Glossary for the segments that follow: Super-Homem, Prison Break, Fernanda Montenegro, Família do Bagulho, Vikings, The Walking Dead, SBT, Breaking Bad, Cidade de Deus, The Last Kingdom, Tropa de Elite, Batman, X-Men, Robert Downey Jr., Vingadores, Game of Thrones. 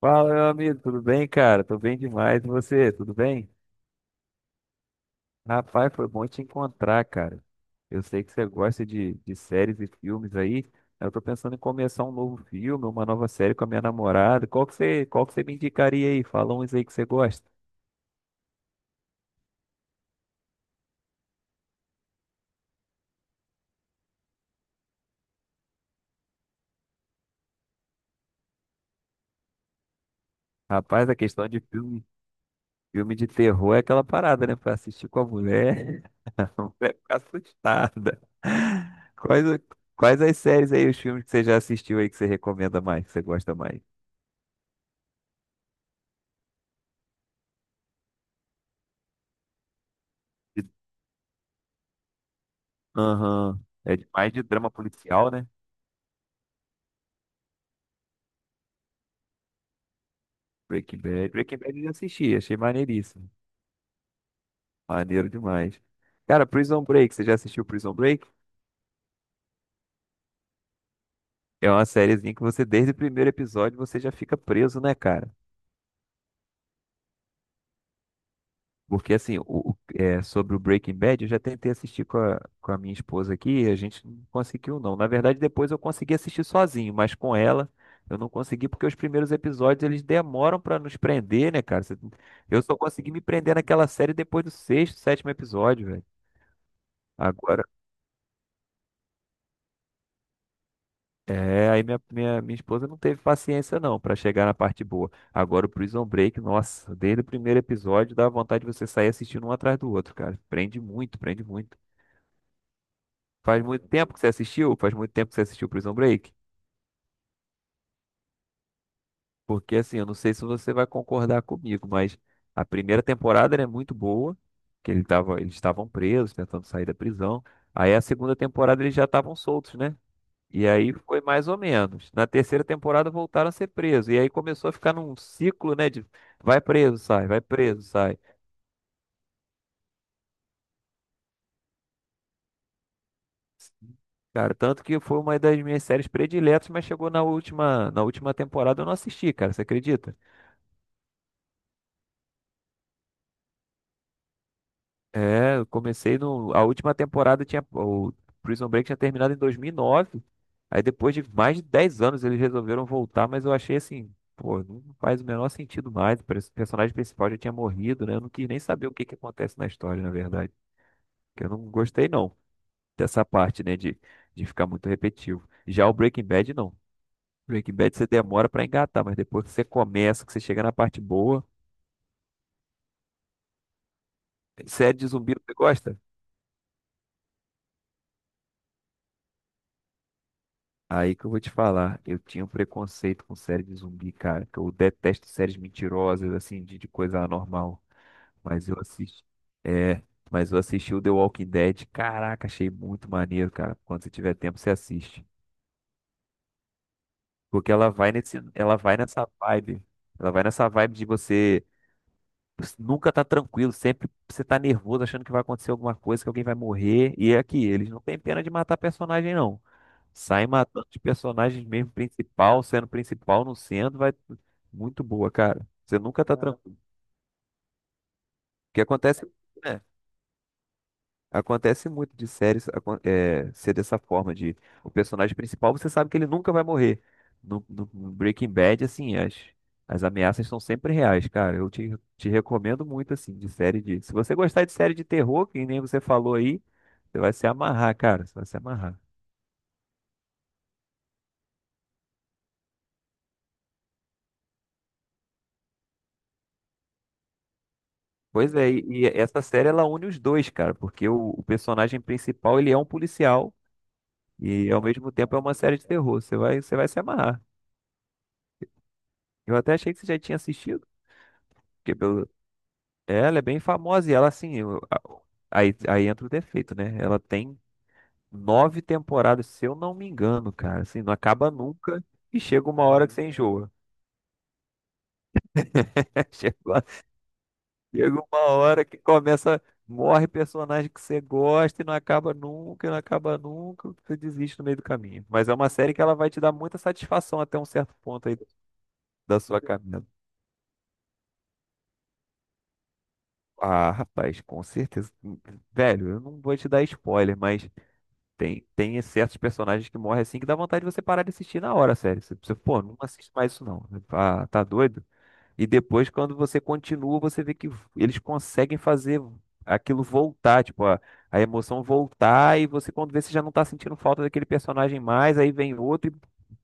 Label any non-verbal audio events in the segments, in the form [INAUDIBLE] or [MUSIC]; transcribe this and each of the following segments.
Fala, meu amigo, tudo bem, cara? Tô bem demais. E você, tudo bem? Rapaz, foi bom te encontrar, cara. Eu sei que você gosta de séries e filmes aí. Eu tô pensando em começar um novo filme, uma nova série com a minha namorada. Qual que você me indicaria aí? Fala uns aí que você gosta. Rapaz, a questão de filme, filme de terror é aquela parada, né? Pra assistir com a mulher, [LAUGHS] a mulher fica assustada. Quais, o- Quais as séries aí, os filmes que você já assistiu aí que você recomenda mais, que você gosta mais? Aham. É mais de drama policial, né? Breaking Bad. Breaking Bad eu já assisti, achei maneiríssimo. Maneiro demais. Cara, Prison Break, você já assistiu Prison Break? É uma sériezinha que você, desde o primeiro episódio, você já fica preso, né, cara? Porque assim, sobre o Breaking Bad, eu já tentei assistir com a minha esposa aqui e a gente não conseguiu, não. Na verdade, depois eu consegui assistir sozinho, mas com ela eu não consegui porque os primeiros episódios eles demoram pra nos prender, né, cara? Você. Eu só consegui me prender naquela série depois do sexto, sétimo episódio, velho. Agora, aí minha esposa não teve paciência não pra chegar na parte boa. Agora o Prison Break, nossa, desde o primeiro episódio dá vontade de você sair assistindo um atrás do outro, cara. Prende muito, prende muito. Faz muito tempo que você assistiu? Faz muito tempo que você assistiu Prison Break? Porque assim, eu não sei se você vai concordar comigo, mas a primeira temporada ela é muito boa, que ele tava, eles estavam presos, tentando sair da prisão. Aí a segunda temporada eles já estavam soltos, né? E aí foi mais ou menos. Na terceira temporada voltaram a ser presos. E aí começou a ficar num ciclo, né? De vai preso, sai, vai preso, sai. Cara, tanto que foi uma das minhas séries prediletas, mas chegou na última temporada eu não assisti, cara. Você acredita? É, eu comecei no. A última temporada tinha. O Prison Break tinha terminado em 2009. Aí depois de mais de 10 anos eles resolveram voltar, mas eu achei assim, pô, não faz o menor sentido mais. Parece que o personagem principal já tinha morrido, né? Eu não quis nem saber o que que acontece na história, na verdade. Que eu não gostei, não, dessa parte, né? De ficar muito repetitivo. Já o Breaking Bad, não. Breaking Bad você demora pra engatar, mas depois que você começa, que você chega na parte boa. Série de zumbi, você gosta? Aí que eu vou te falar, eu tinha um preconceito com série de zumbi, cara, que eu detesto séries mentirosas, assim, de coisa anormal. Mas eu assisti. É, mas eu assisti o The Walking Dead. Caraca, achei muito maneiro, cara. Quando você tiver tempo, você assiste. Porque ela vai nessa vibe. Ela vai nessa vibe de você nunca tá tranquilo, sempre você tá nervoso, achando que vai acontecer alguma coisa, que alguém vai morrer. E é aqui, eles não têm pena de matar personagem, não. Sai matando de personagens mesmo, principal, sendo principal, não sendo, vai muito boa, cara. Você nunca tá cara, tranquilo. Porque acontece, né? Acontece muito de séries ser dessa forma, de o personagem principal, você sabe que ele nunca vai morrer. No Breaking Bad, assim, as ameaças são sempre reais, cara. Te recomendo muito, assim, de série de. Se você gostar de série de terror, que nem você falou aí, você vai se amarrar, cara. Você vai se amarrar. Pois é, e essa série ela une os dois, cara, porque o personagem principal ele é um policial e ao mesmo tempo é uma série de terror. Você vai se amarrar. Eu até achei que você já tinha assistido, porque pelo... é, ela é bem famosa e ela assim, eu- a- aí, aí entra o defeito, né? Ela tem 9 temporadas, se eu não me engano, cara, assim, não acaba nunca e chega uma hora que você enjoa. [LAUGHS] Chega Chega uma hora que começa, morre personagem que você gosta e não acaba nunca, e não acaba nunca, você desiste no meio do caminho. Mas é uma série que ela vai te dar muita satisfação até um certo ponto aí da sua caminhada. Ah, rapaz, com certeza. Velho, eu não vou te dar spoiler, mas tem certos personagens que morrem assim que dá vontade de você parar de assistir na hora, sério. Pô, não assiste mais isso não. Ah, tá doido? E depois, quando você continua, você vê que eles conseguem fazer aquilo voltar, tipo, a emoção voltar, e você, quando vê, você já não tá sentindo falta daquele personagem mais, aí vem outro,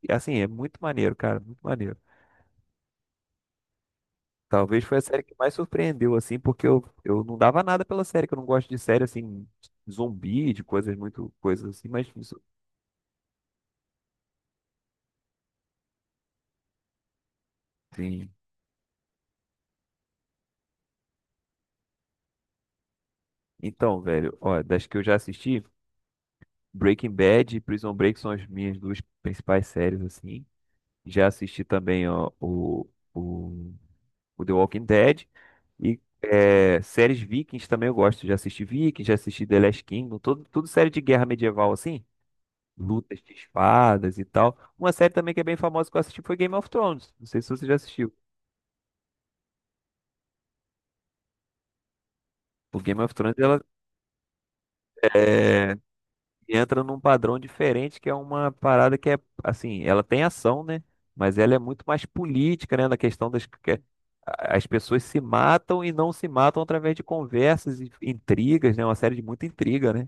e assim, é muito maneiro, cara, muito maneiro. Talvez foi a série que mais surpreendeu, assim, porque eu não dava nada pela série, que eu não gosto de série, assim, zumbi, de coisas muito, coisas assim, mas isso, sim. Então, velho, ó, das que eu já assisti, Breaking Bad e Prison Break são as minhas duas principais séries, assim. Já assisti também ó, o, o The Walking Dead e séries Vikings também eu gosto. Já assisti Vikings, já assisti The Last Kingdom, todo, tudo série de guerra medieval assim, lutas de espadas e tal. Uma série também que é bem famosa que eu assisti foi Game of Thrones. Não sei se você já assistiu. O Game of Thrones ela, eh, e entra num padrão diferente, que é uma parada que é, assim, ela tem ação, né? Mas ela é muito mais política, né? Na questão das que é- a- as pessoas se matam e não se matam através de conversas e intrigas, né? Uma série de muita intriga, né?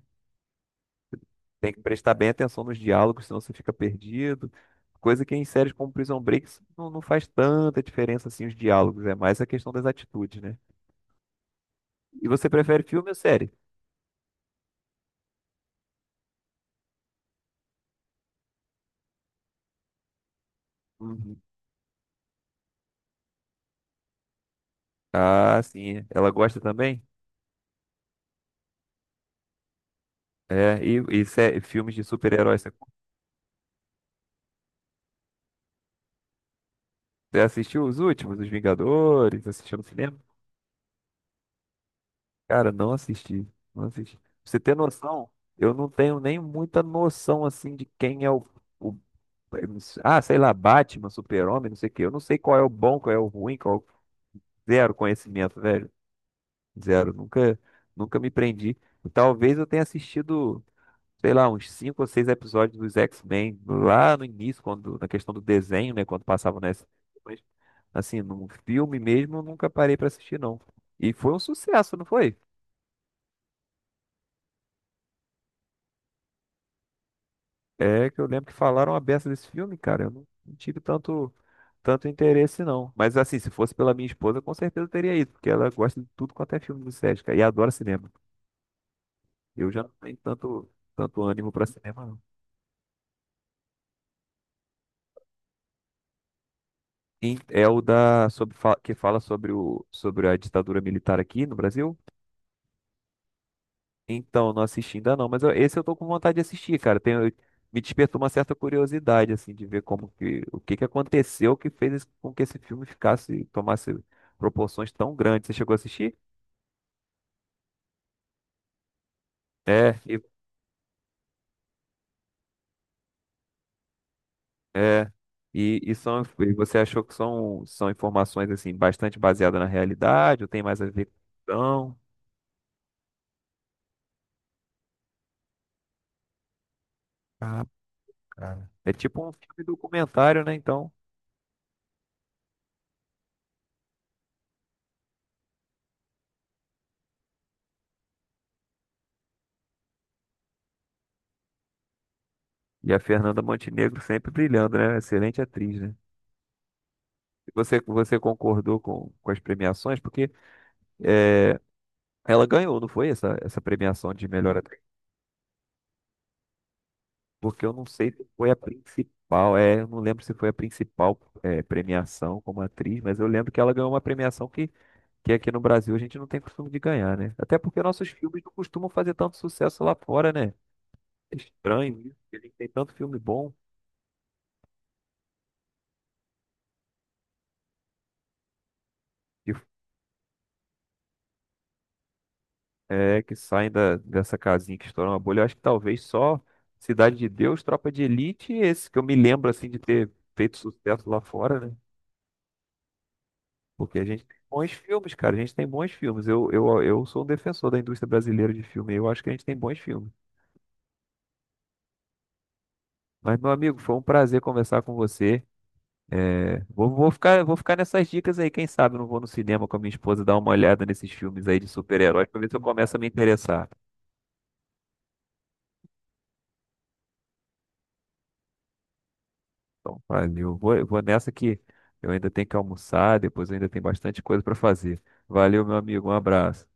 Tem que prestar bem atenção nos diálogos, senão você fica perdido. Coisa que em séries como Prison Break isso não, não faz tanta diferença assim os diálogos, é mais a questão das atitudes, né? E você prefere filme ou série? Uhum. Ah, sim. Ela gosta também? Filmes de super-heróis? Você assistiu os últimos, os Vingadores? Assistiu no cinema? Cara, não assisti. Não assisti. Pra você ter noção, eu não tenho nem muita noção assim de quem é o- ah, sei lá, Batman, Super-Homem, não sei o quê. Eu não sei qual é o bom, qual é o ruim, qual é o zero conhecimento, velho. Zero. Nunca me prendi. Talvez eu tenha assistido, sei lá, uns cinco ou seis episódios dos X-Men lá no início, quando na questão do desenho, né, quando passava no SBT. Assim, num filme mesmo, eu nunca parei pra assistir, não. E foi um sucesso, não foi? É que eu lembro que falaram a beça desse filme, cara. Eu não tive tanto interesse, não. Mas assim, se fosse pela minha esposa, com certeza eu teria ido, porque ela gosta de tudo quanto é filme do Sérgio, cara, e adora cinema. Eu já não tenho tanto ânimo pra cinema, não. É o da sobre, que fala sobre, sobre a ditadura militar aqui no Brasil? Então, não assisti ainda não, mas esse eu tô com vontade de assistir, cara. Tem, me despertou uma certa curiosidade, assim, de ver como que, o que que aconteceu que fez com que esse filme ficasse, tomasse proporções tão grandes. Você chegou a assistir? É, e, é. E são, e você achou que são, são informações, assim, bastante baseadas na realidade, ou tem mais a ver com ficção? Ah, cara. É tipo um filme documentário, né, então? E a Fernanda Montenegro sempre brilhando, né? Excelente atriz, né? Você concordou com as premiações? Porque é, ela ganhou, não foi essa, essa premiação de melhor atriz? Porque eu não sei se foi a principal, eu não lembro se foi a principal premiação como atriz, mas eu lembro que ela ganhou uma premiação que aqui no Brasil a gente não tem costume de ganhar, né? Até porque nossos filmes não costumam fazer tanto sucesso lá fora, né? É estranho isso, porque a gente tem tanto filme bom. É, que saem da, dessa casinha que estouram a bolha. Eu acho que talvez só Cidade de Deus, Tropa de Elite, e esse que eu me lembro assim de ter feito sucesso lá fora, né? Porque a gente tem bons filmes, cara. A gente tem bons filmes. Eu sou um defensor da indústria brasileira de filme. Eu acho que a gente tem bons filmes. Mas, meu amigo, foi um prazer conversar com você. Vou ficar nessas dicas aí. Quem sabe eu não vou no cinema com a minha esposa dar uma olhada nesses filmes aí de super-heróis pra ver se eu começo a me interessar. Então, Fábio, eu vou nessa que eu ainda tenho que almoçar, depois eu ainda tenho bastante coisa para fazer. Valeu, meu amigo, um abraço.